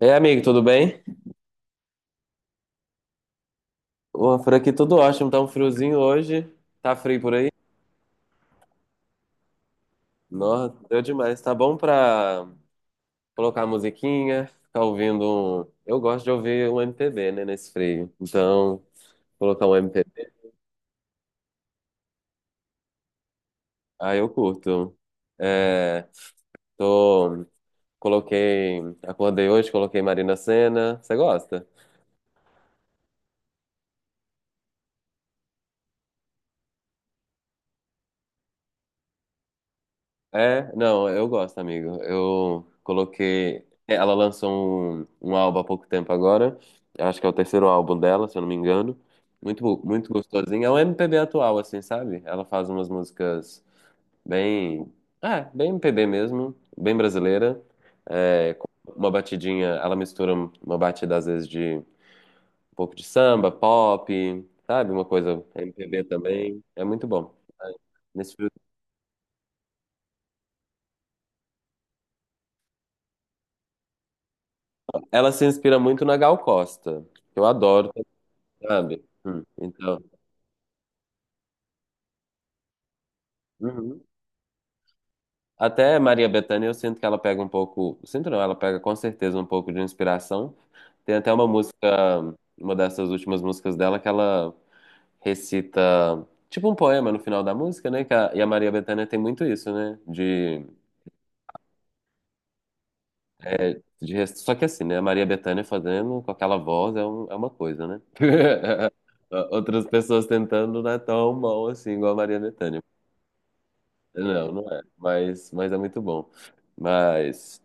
É, amigo, tudo bem? Ô, por aqui tudo ótimo, tá um friozinho hoje. Tá frio por aí? Nossa, deu demais. Tá bom pra colocar a musiquinha, ficar ouvindo um... eu gosto de ouvir um MPB, né, nesse frio. Então, colocar um MPB. Ah, eu curto. É, tô... Coloquei... Acordei hoje, coloquei Marina Sena. Você gosta? É, não, eu gosto, amigo. Eu coloquei. Ela lançou um álbum há pouco tempo agora. Eu acho que é o terceiro álbum dela, se eu não me engano. Muito gostosinho. É um MPB atual, assim, sabe? Ela faz umas músicas bem. É, bem MPB mesmo, bem brasileira. É, com uma batidinha. Ela mistura uma batida, às vezes, de um pouco de samba, pop, sabe? Uma coisa MPB também. É muito bom. Nesse Ela se inspira muito na Gal Costa, que eu adoro, sabe? Então, uhum. Até Maria Bethânia, eu sinto que ela pega um pouco, sinto não, ela pega com certeza um pouco de inspiração. Tem até uma música, uma dessas últimas músicas dela que ela recita tipo um poema no final da música, né? E a Maria Bethânia tem muito isso, né? De, é, de rec- Só que assim, né? A Maria Bethânia fazendo com aquela voz é uma coisa, né? Outras pessoas tentando não é tão bom assim, igual a Maria Bethânia. Não, não é. Mas é muito bom. Mas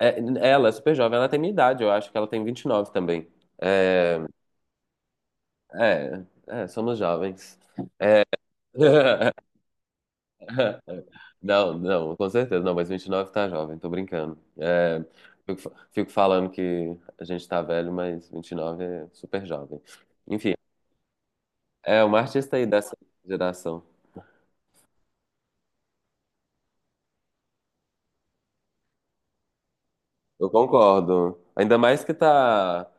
Ela é super jovem, ela tem minha idade, eu acho que ela tem 29 também. É, é, somos jovens. É. Não, não, com certeza. Não, mas 29 tá jovem, tô brincando. É, fico falando que a gente tá velho, mas 29 é super jovem. Enfim, é uma artista aí dessa geração. Eu concordo. Ainda mais que tá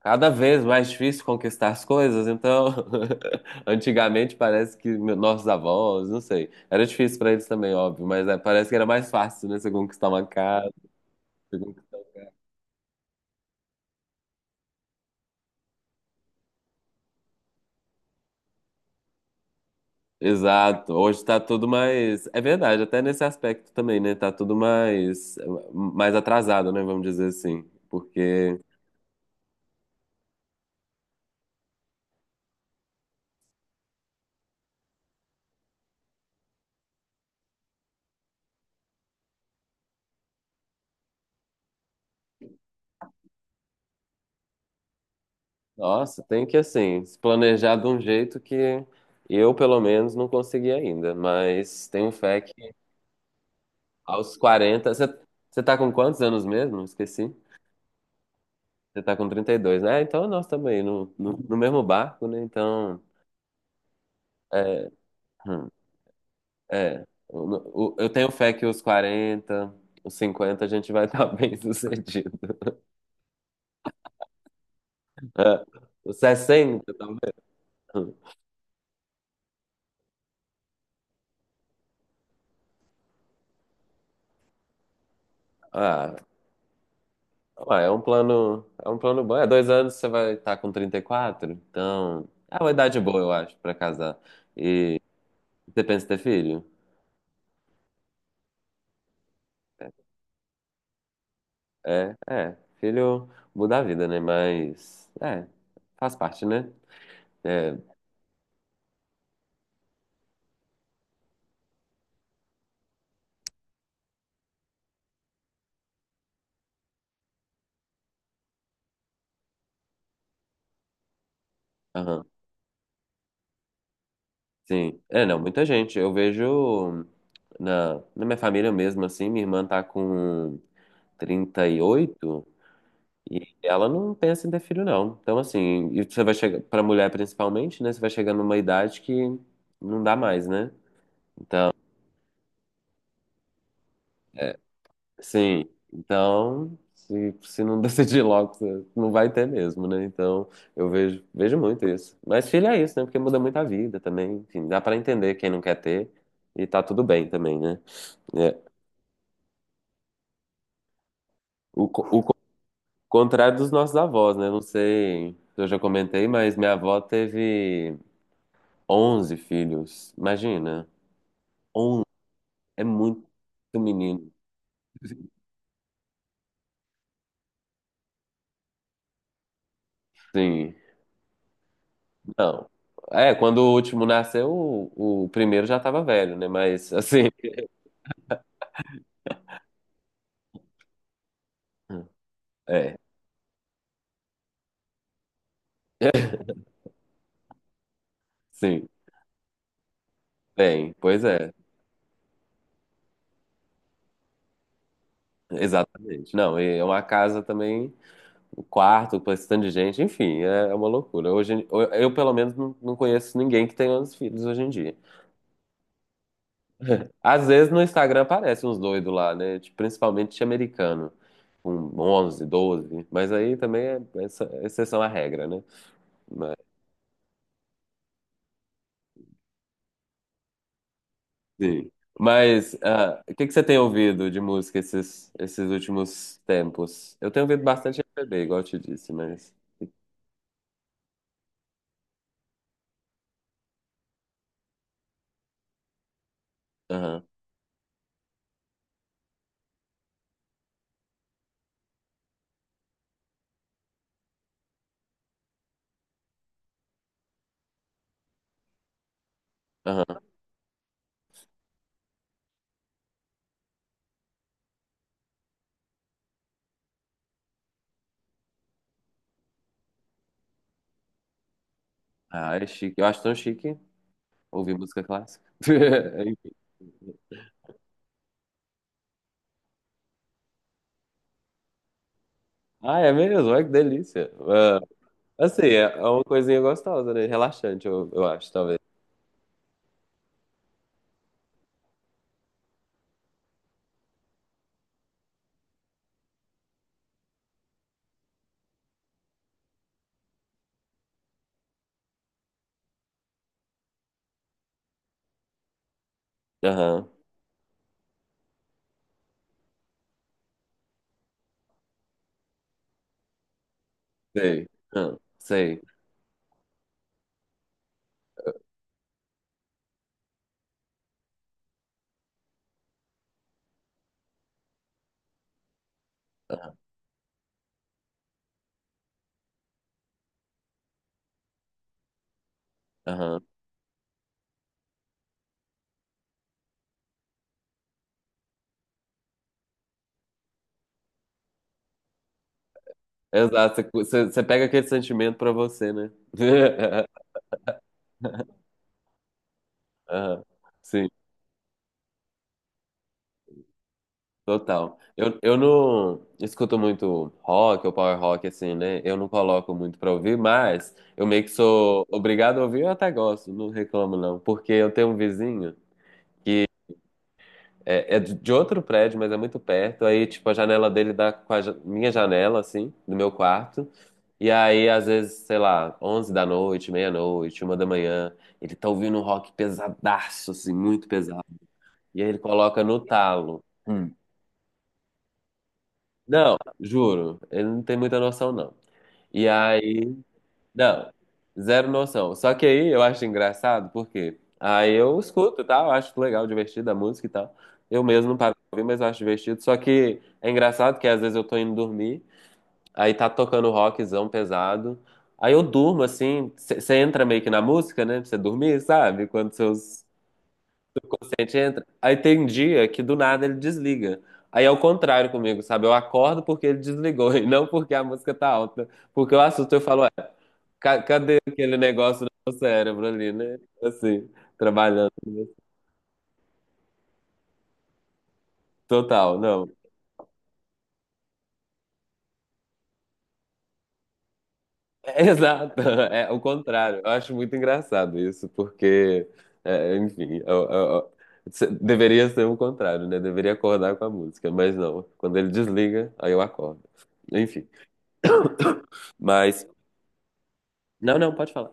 cada vez mais difícil conquistar as coisas, então antigamente parece que nossos avós, não sei, era difícil para eles também, óbvio, mas é, parece que era mais fácil, né, você conquistar uma casa, você conquistar- exato. Hoje tá tudo mais, é verdade, até nesse aspecto também, né? Tá tudo mais atrasado, né, vamos dizer assim, porque nossa, tem que assim, se planejar de um jeito que eu, pelo menos, não consegui ainda. Mas tenho fé que aos 40. Você tá com quantos anos mesmo? Esqueci. Você tá com 32, né? Então nós também no mesmo barco, né? É, hum, É. Eu tenho fé que os 40, os 50 a gente vai estar bem sucedido. É. Os 60 talvez. Ah, ué, é um plano bom. É, 2 anos você vai estar com 34, então é uma idade boa, eu acho, pra casar. E você pensa em ter filho? Filho muda a vida, né? Mas é, faz parte, né? É, aham, sim. É, não, Muita gente. Eu vejo na minha família mesmo, assim, minha irmã tá com 38. E ela não pensa em ter filho, não. Então, assim, e você vai chegar, pra mulher principalmente, né? Você vai chegar numa idade que não dá mais, né? É, sim. Então, se não decidir logo, você não vai ter mesmo, né? Então, eu vejo, vejo muito isso. Mas filho é isso, né? Porque muda muito a vida também. Enfim, dá pra entender quem não quer ter e tá tudo bem também, né? É. O, co- o co- Contrário dos nossos avós, né? Não sei se eu já comentei, mas minha avó teve 11 filhos. Imagina. On É muito menino. Sim. Não. É, quando o último nasceu, o primeiro já estava velho, né? Mas assim, é, sim, pois é, exatamente. Não, e é uma casa também, o quarto, com esse tanto de gente, enfim, é uma loucura. Hoje, eu pelo menos, não conheço ninguém que tenha os filhos hoje em dia. Às vezes no Instagram aparecem uns doidos lá, né? Tipo, principalmente americano, com 11, 12 mas aí também é exceção à regra, né? Sim. Mas ah, o que que você tem ouvido de música esses últimos tempos? Eu tenho ouvido bastante MPB, igual eu te disse, mas. Aham, aham. Ah, é chique. Eu acho tão chique ouvir música clássica. Ah, é mesmo? Olha que delícia. Ah, assim, é uma coisinha gostosa, né? Relaxante, eu acho, talvez. Aham, sei. Aham, sei. Aham. Exato, você pega aquele sentimento pra você, né? Aham, sim. Total. Eu não escuto muito rock ou power rock, assim, né? Eu não coloco muito pra ouvir, mas eu meio que sou obrigado a ouvir, eu até gosto, não reclamo não. Porque eu tenho um vizinho, é de outro prédio, mas é muito perto. Aí, tipo, a janela dele dá com minha janela, assim, do meu quarto. E aí, às vezes, sei lá, 11 da noite, meia-noite, uma da manhã, ele tá ouvindo um rock pesadaço, assim, muito pesado. E aí ele coloca no talo. Não, juro, ele não tem muita noção, não. E aí, não, Zero noção. Só que aí eu acho engraçado, porque aí eu escuto, e tal, acho legal, divertido a música e tal. Eu mesmo não paro de ouvir, mas eu acho divertido. Só que é engraçado que às vezes eu tô indo dormir, aí tá tocando rockzão pesado. Aí eu durmo assim, você entra meio que na música, né? Pra você dormir, sabe? Quando seus A gente entra. Aí tem um dia que do nada ele desliga. Aí é o contrário comigo, sabe? Eu acordo porque ele desligou e não porque a música tá alta. Porque eu assusto, eu falo, "Ué, cadê aquele negócio do meu cérebro ali, né? Assim, trabalhando." Total, não. Exato, é o contrário. Eu acho muito engraçado isso, porque, é, enfim, deveria ser o contrário, né? Deveria acordar com a música, mas não. Quando ele desliga, aí eu acordo. Enfim, mas. Não, não, pode falar.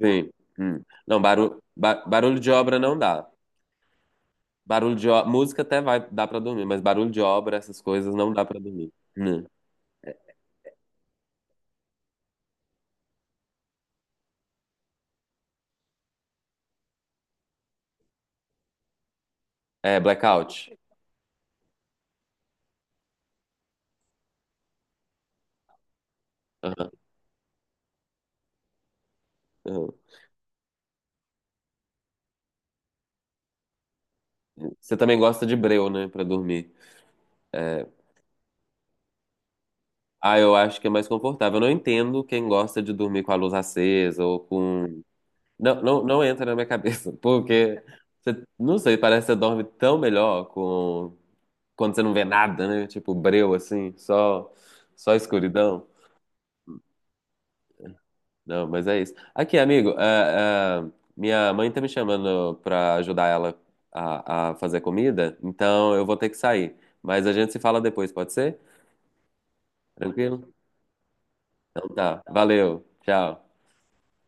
Sim. Hum. Não, barulho de obra não dá. Barulho de obra, música até vai, dá pra dormir, mas barulho de obra, essas coisas não dá pra dormir. Hum. É, blackout. Aham, aham. Você também gosta de breu, né, pra dormir. É. Ah, eu acho que é mais confortável. Eu não entendo quem gosta de dormir com a luz acesa ou com. Não entra na minha cabeça, porque você, não sei, parece que você dorme tão melhor com quando você não vê nada, né? Tipo breu assim, só escuridão. Não, mas é isso. Aqui, amigo, minha mãe tá me chamando pra ajudar ela a fazer comida, então eu vou ter que sair. Mas a gente se fala depois, pode ser? Tranquilo? Então tá. Valeu. Tchau.